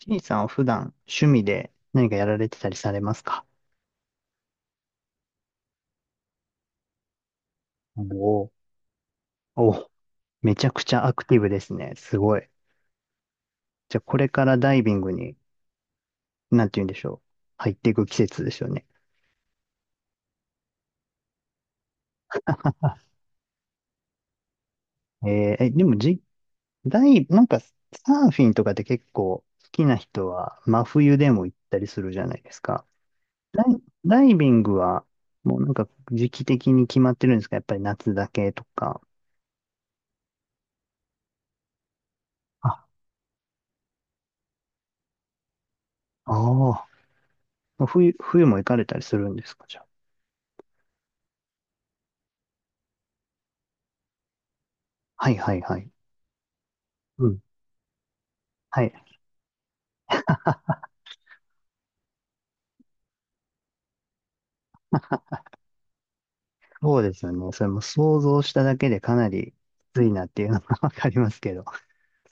ちいさんは普段趣味で何かやられてたりされますか？おー。お、めちゃくちゃアクティブですね。すごい。じゃあこれからダイビングに、なんて言うんでしょう。入っていく季節ですよね。えーえ、でもじ、ダイ、なんかサーフィンとかって結構好きな人は真冬でも行ったりするじゃないですか。ダイ、ダイビングはもうなんか時期的に決まってるんですか？やっぱり夏だけとか。あ、ああ、冬も行かれたりするんですかじゃあ。はいはいはい。うん。はい。そうですよね。それも想像しただけでかなりきついなっていうのが わかりますけど。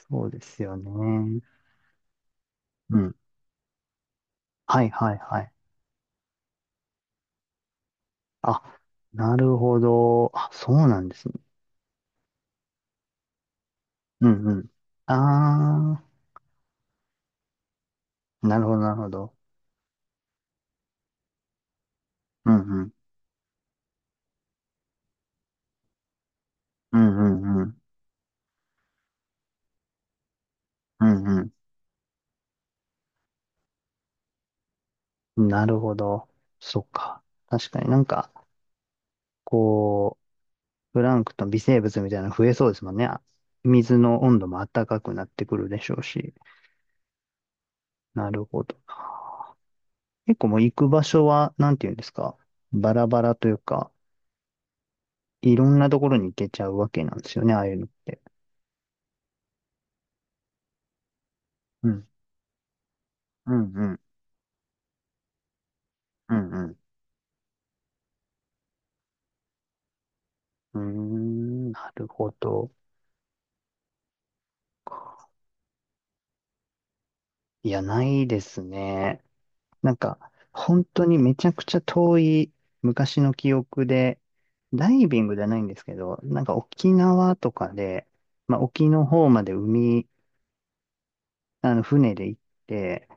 そうですよね。うん。はいはいはい。あ、なるほど。あ、そうなんですね。うんうん。あー、なるほどなるほど。うんうん。うんうんうん。うんうん。なるほど。そっか。確かになんか、こう、プランクトン、微生物みたいなの増えそうですもんね。あ、水の温度も暖かくなってくるでしょうし。なるほど。結構もう行く場所は、なんていうんですか、バラバラというか、いろんなところに行けちゃうわけなんですよね、ああいうのって。うん。うん、うん、うん、うん。うーん、なるほど。いや、ないですね。なんか、本当にめちゃくちゃ遠い昔の記憶で、ダイビングじゃないんですけど、なんか沖縄とかで、まあ沖の方まで海、あの船で行って、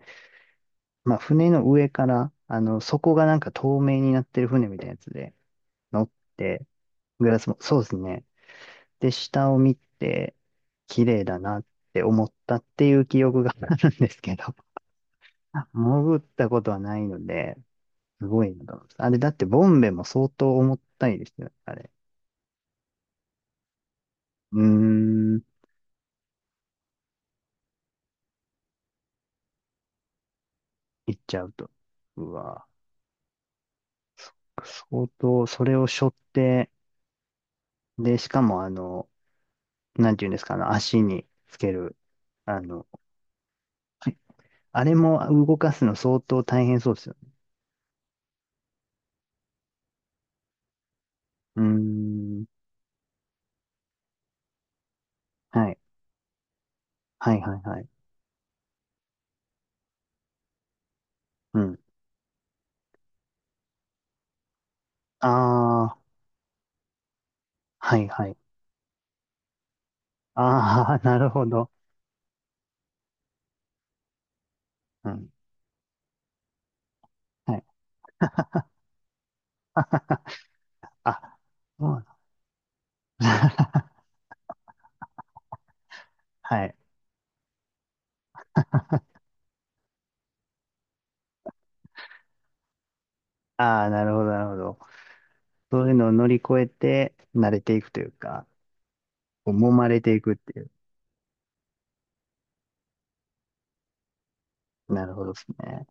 まあ、船の上から、あの、底がなんか透明になってる船みたいなやつで乗って、グラスも、そうですね。で、下を見て、綺麗だなって思ったっていう記憶が あるんですけど、潜ったことはないので、すごいなと思います。あれ、だってボンベも相当重たいですよね、あれ。うーん、行っちゃうと。うわ、相当、それを背負って、で、しかもあの、なんていうんですか、あの、足につける、あの、あれも動かすの相当大変そうですよね。うーん。はい。はい、はい、はい。うん。ああ、はい、はい。ああ、なるほど。うん。はい。あ、そうなんだ。 はい。ああ、なるほど、なるほど。そういうのを乗り越えて、慣れていくというか、こう揉まれていくっていう。なるほどですね。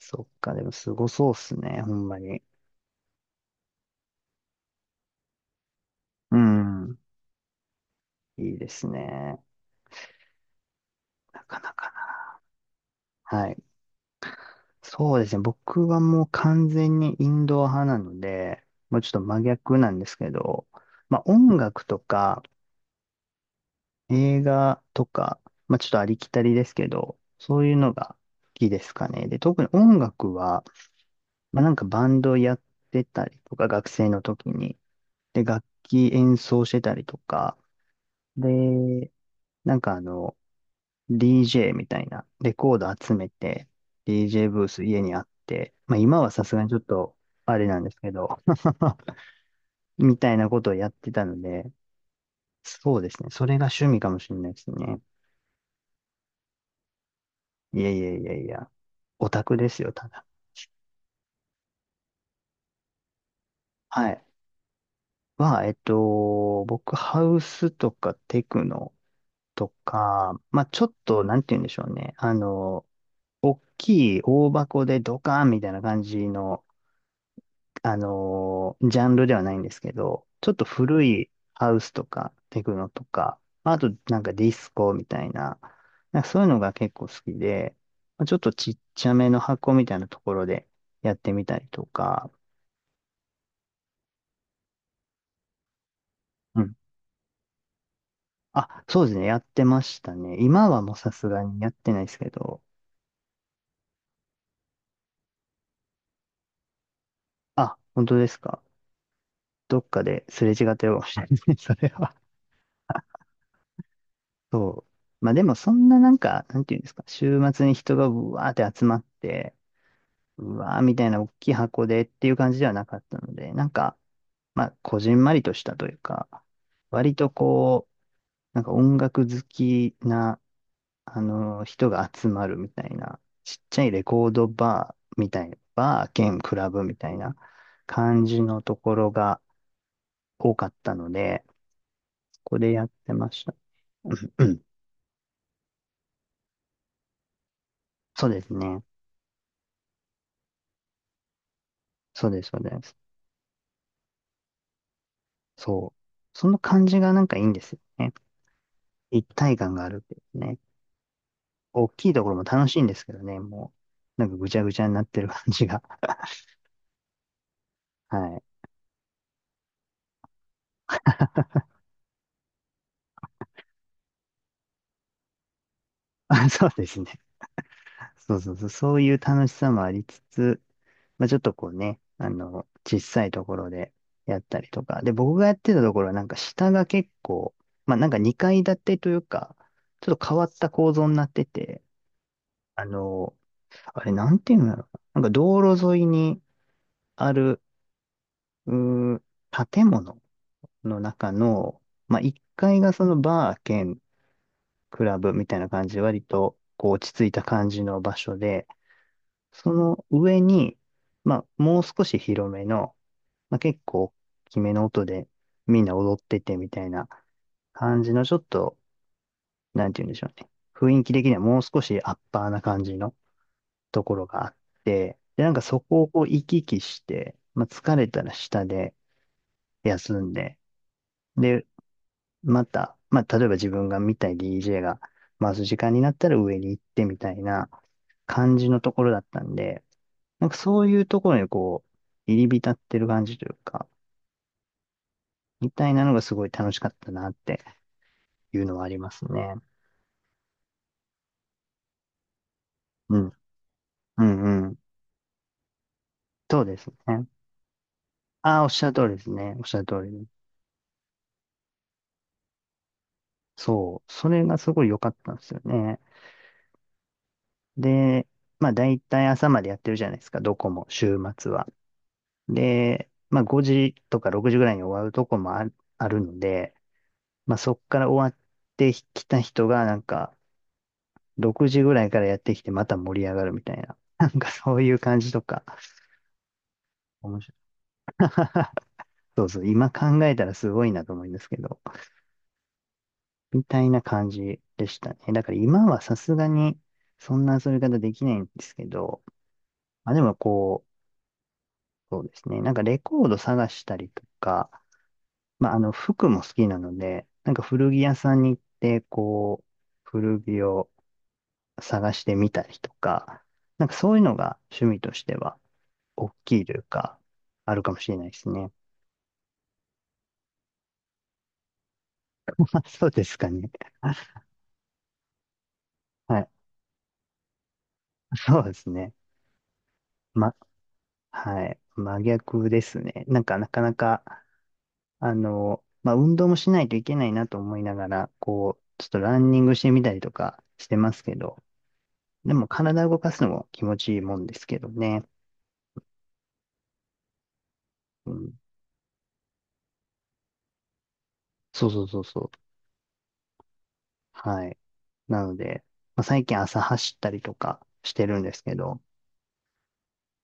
そっか、でもすごそうっすね、ほんまに。うん。いいですね。なかなかな。はい。そうですね。僕はもう完全にインドア派なので、もうちょっと真逆なんですけど、まあ音楽とか映画とか、まあちょっとありきたりですけど、そういうのが好きですかね。で、特に音楽は、まあなんかバンドやってたりとか、学生の時に。で、楽器演奏してたりとか。で、なんかあの、DJ みたいな、レコード集めて、DJ ブース家にあって、まあ今はさすがにちょっと、あれなんですけど、みたいなことをやってたので、そうですね。それが趣味かもしれないですね。いやいやいやいや、オタクですよ、ただ。はい。はえっと、僕、ハウスとかテクノとか、まあ、ちょっと、なんて言うんでしょうね。あの、大きい大箱でドカーンみたいな感じのジャンルではないんですけど、ちょっと古いハウスとかテクノとか、まあとなんかディスコみたいな、なんかそういうのが結構好きで、まあちょっとちっちゃめの箱みたいなところでやってみたりとか、うん。あ、そうですね、やってましたね。今はもうさすがにやってないですけど、あ、本当ですか。どっかですれ違ってるかもしれないですね、それは。そう。まあでもそんななんか、なんていうんですか、週末に人がぶわーって集まって、うわーみたいな大きい箱でっていう感じではなかったので、なんか、まあ、こじんまりとしたというか、割とこう、なんか音楽好きな、あの人が集まるみたいな、ちっちゃいレコードバーみたいな、バー兼クラブみたいな感じのところが多かったので、ここでやってました。うんうん、そうですね。そうです、そうです。そう。その感じがなんかいいんですよね。一体感があるんですね。大きいところも楽しいんですけどね、もう、なんかぐちゃぐちゃになってる感じが。はい。あ、そうですね。そうそうそう、そういう楽しさもありつつ、まあ、ちょっとこうね、あの、小さいところでやったりとか。で、僕がやってたところはなんか下が結構、まあなんか2階建てというか、ちょっと変わった構造になってて、あの、あれなんていうんだろう。なんか道路沿いにある、うー建物の中の、まあ1階がそのバー兼クラブみたいな感じで割とこう落ち着いた感じの場所で、その上に、まあもう少し広めの、まあ結構大きめの音でみんな踊っててみたいな感じのちょっと、なんて言うんでしょうね。雰囲気的にはもう少しアッパーな感じのところがあって、で、なんかそこをこう行き来して、まあ疲れたら下で休んで、で、また、まあ、例えば自分が見たい DJ が回す時間になったら上に行ってみたいな感じのところだったんで、なんかそういうところにこう、入り浸ってる感じというか、みたいなのがすごい楽しかったなっていうのはありますね。うん。うんうん。そうですね。ああ、おっしゃる通りですね。おっしゃる通りです。そう。それがすごい良かったんですよね。で、まあ大体朝までやってるじゃないですか。どこも週末は。で、まあ5時とか6時ぐらいに終わるとこもあるので、まあそっから終わってきた人がなんか6時ぐらいからやってきてまた盛り上がるみたいな。なんかそういう感じとか。面白い。そうそう、今考えたらすごいなと思うんですけど、みたいな感じでしたね。だから今はさすがにそんな遊び方できないんですけど、まあでもこう、そうですね、なんかレコード探したりとか、まあ、あの、服も好きなので、なんか古着屋さんに行って、こう、古着を探してみたりとか、なんかそういうのが趣味としては、大きいというか、あるかもしれないですね。まあ、そうですかね。はい。そうですね。ま、はい。真逆ですね。なんか、なかなか、あの、まあ、運動もしないといけないなと思いながら、こう、ちょっとランニングしてみたりとかしてますけど、でも体動かすのも気持ちいいもんですけどね。うん、そうそうそうそう。はい。なので、まあ、最近朝走ったりとかしてるんですけど、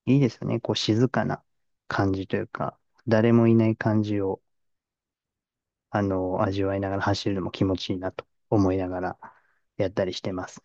いいですよね。こう静かな感じというか、誰もいない感じを、あの、味わいながら走るのも気持ちいいなと思いながらやったりしてます。